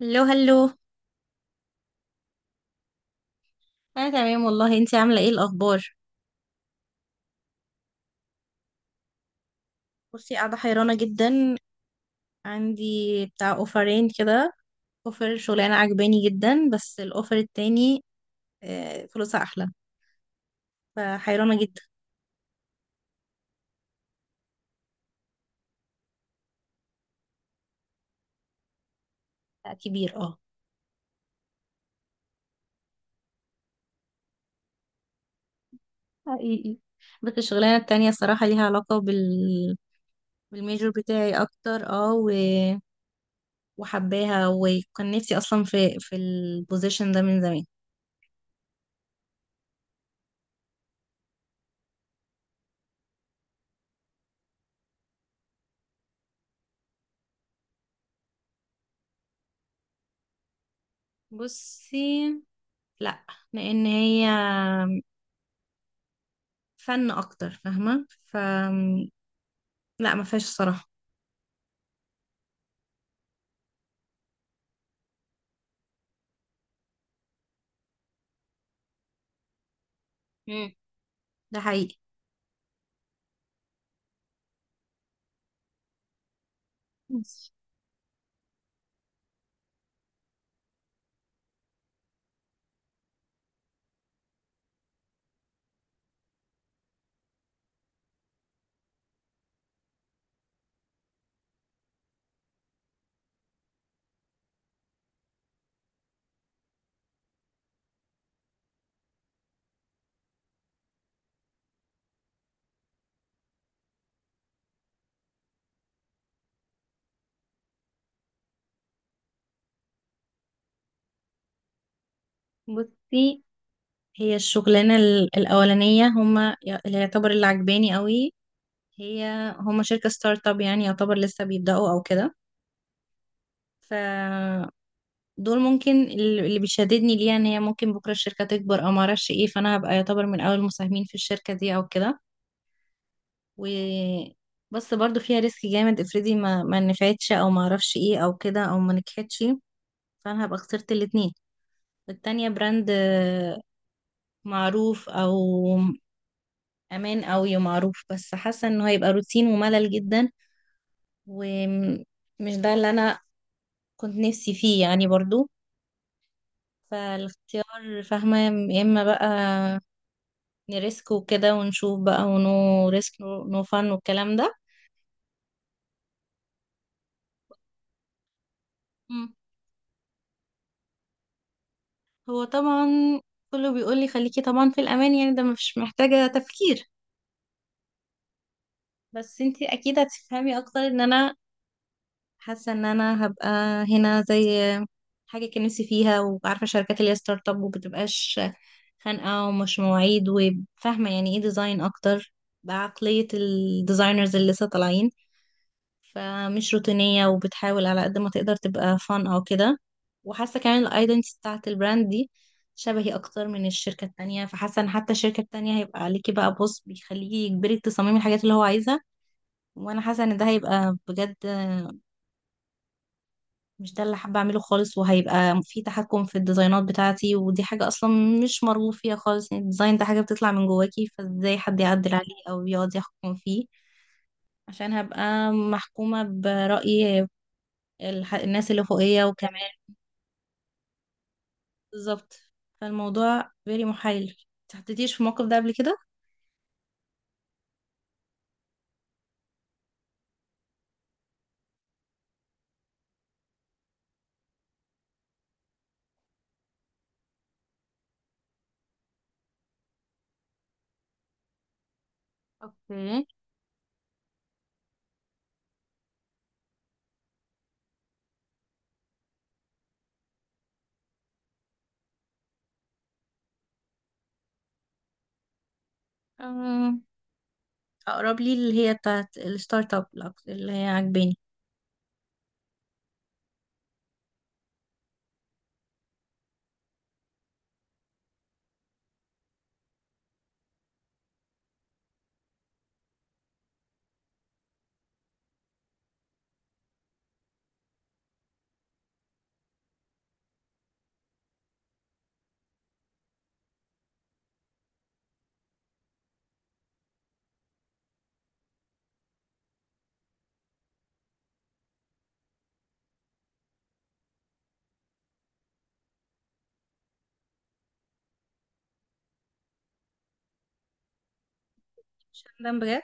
هلو هلو. انا تمام والله، انتي عامله ايه الاخبار؟ بصي، قاعده حيرانه جدا. عندي بتاع اوفرين كده. اوفر شغلانه عجباني جدا بس الاوفر التاني آه، فلوسها احلى. فحيرانه جدا. لا، كبير اه. حقيقي. بس الشغلانه التانية الصراحه ليها علاقه بال بالميجور بتاعي اكتر وحباها، وكان نفسي اصلا في البوزيشن ده من زمان. بصي، لا، لان هي فن اكتر، فاهمه؟ ف لا ما فيهاش الصراحه. مم. ده حقيقي. بص- بصي، هي الشغلانه الاولانيه، هما اللي يعتبر اللي عجباني قوي، هي، هما شركه ستارت اب، يعني يعتبر لسه بيبداوا او كده. ف دول ممكن، اللي بيشددني ليها ان هي ممكن بكره الشركه تكبر او ما اعرفش ايه، فانا هبقى يعتبر من اول المساهمين في الشركه دي او كده. و بس برضو فيها ريسك جامد، افرضي ما نفعتش او ما اعرفش ايه او كده او ما نجحتش، فانا هبقى خسرت الاتنين. والتانية براند معروف، او امان اوي معروف، بس حاسة انه هيبقى روتين وملل جدا، ومش ده اللي انا كنت نفسي فيه يعني برضو. فالاختيار، فاهمة؟ يا اما بقى نريسك وكده ونشوف بقى، ونو ريسك نو فن والكلام ده. مم. هو طبعا كله بيقول لي خليكي طبعا في الامان، يعني ده مش محتاجة تفكير. بس انتي اكيد هتفهمي اكتر ان انا حاسه ان انا هبقى هنا زي حاجه كان نفسي فيها، وعارفه الشركات اللي هي ستارت اب ومبتبقاش خانقه ومش مواعيد، وفاهمه يعني ايه ديزاين اكتر بعقليه الديزاينرز اللي لسه طالعين، فمش روتينيه وبتحاول على قد ما تقدر تبقى فان او كده. وحاسه كمان الايدنتي بتاعت البراند دي شبهي اكتر من الشركه التانية. فحاسه ان حتى الشركه التانية هيبقى عليكي بقى بوس بيخليكي يجبري تصممي الحاجات اللي هو عايزها. وانا حاسه ان ده هيبقى بجد مش ده اللي حابة أعمله خالص، وهيبقى في تحكم في الديزاينات بتاعتي، ودي حاجة أصلا مش مرغوب فيها خالص. يعني الديزاين ده حاجة بتطلع من جواكي، فازاي حد يعدل عليه أو يقعد يحكم فيه؟ عشان هبقى محكومة برأي الناس اللي فوقية وكمان. بالظبط، فالموضوع very محايل. متحطيتيش في الموقف ده قبل كده؟ اوكي. أم، أقرب لي اللي هي بتاعت الستارت اب، اللي هي عجباني. مش هندم بجد.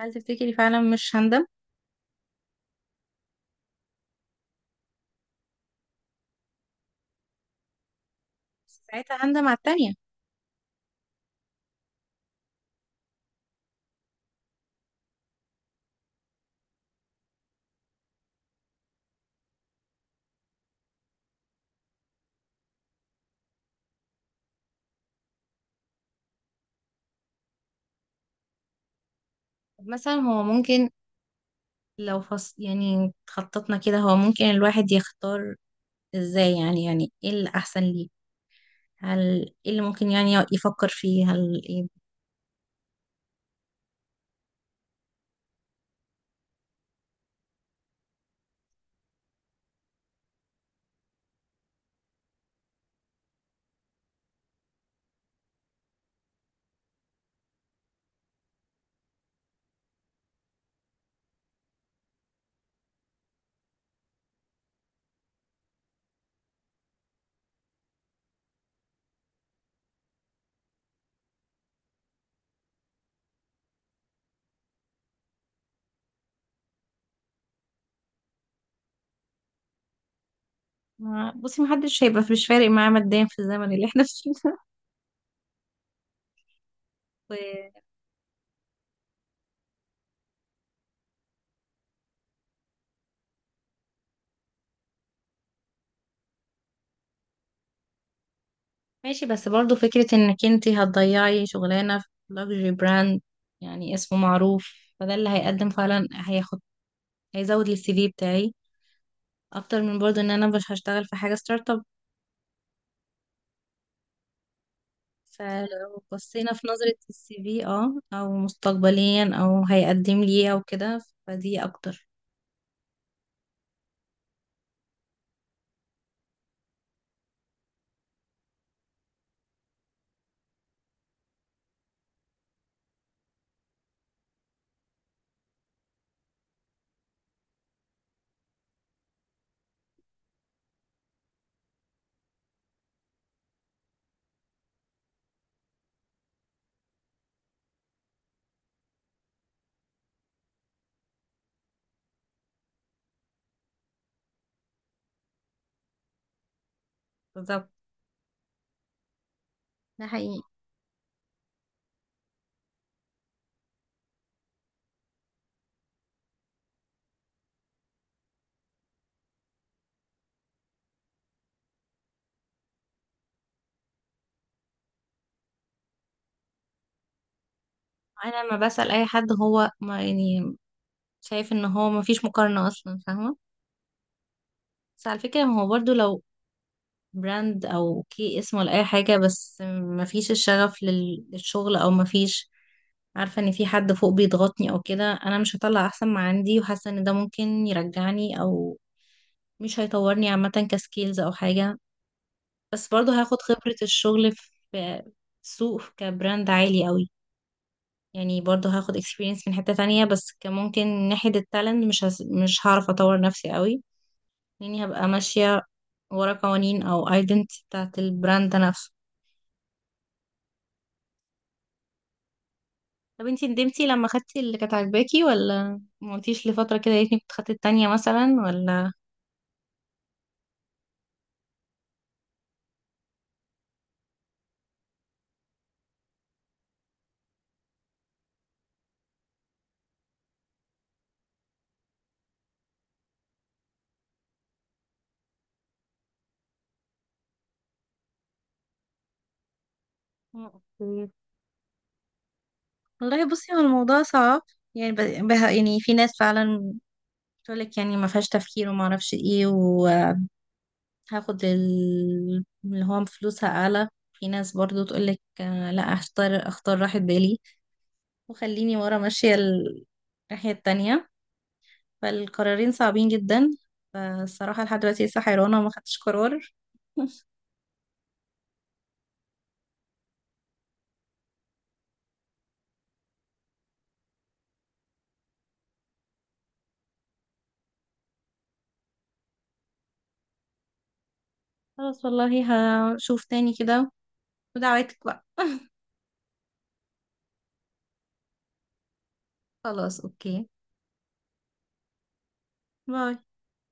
هل تفتكري فعلا مش هندم؟ بس ساعتها هندم على التانية. مثلا هو ممكن لو فص يعني خططنا كده هو ممكن الواحد يختار ازاي، يعني ايه الأحسن ليه؟ هل ايه اللي ممكن يعني يفكر فيه؟ هل ايه؟ بصي، محدش هيبقى مش فارق معاه ماديا في الزمن اللي احنا فيه ده. و- ماشي بس برضو فكرة انك انتي هتضيعي شغلانة في لوكسجري براند، يعني اسمه معروف، فده اللي هيقدم فعلا، هياخد، هيزود السي في بتاعي اكتر من برضو ان انا مش هشتغل في حاجة ستارت اب. فلو بصينا في نظرة السي في اه او مستقبليا او هيقدم لي ايه او كده، فدي اكتر. بالظبط. ده حقيقي. انا لما بسأل اي حد هو ما يعني شايف ان هو ما فيش مقارنة اصلا، فاهمة؟ بس على فكرة، هو برضو لو براند او كي اسم ولا اي حاجة، بس ما فيش الشغف للشغل، او ما فيش، عارفة، ان في حد فوق بيضغطني او كده، انا مش هطلع احسن ما عندي، وحاسة ان ده ممكن يرجعني او مش هيطورني عامة كسكيلز او حاجة. بس برضه هاخد خبرة الشغل في سوق كبراند عالي قوي، يعني برضه هاخد experience من حتة تانية، بس كممكن ناحية التالنت مش هعرف اطور نفسي قوي، لاني هبقى ماشية ورا قوانين او identity بتاعت البراند ده نفسه. طب انتي ندمتي لما خدتي اللي كانت عاجباكي ولا ما قلتيش لفترة كده يا ريتني كنت خدت التانية مثلا ولا؟ أوكي. والله بصي هو الموضوع صعب، يعني يعني في ناس فعلا بتقولك يعني ما فيهاش تفكير وما اعرفش ايه و... هاخد اللي هو فلوسها اعلى. في ناس برضو تقولك آه، لا اختار اختار راحة بالي، وخليني ورا ماشية الناحية التانية. فالقرارين صعبين جدا، فالصراحة لحد دلوقتي لسه حيرانة وما خدتش قرار. خلاص والله، هشوف تاني كده، ودعواتك بقى. خلاص اوكي. باي.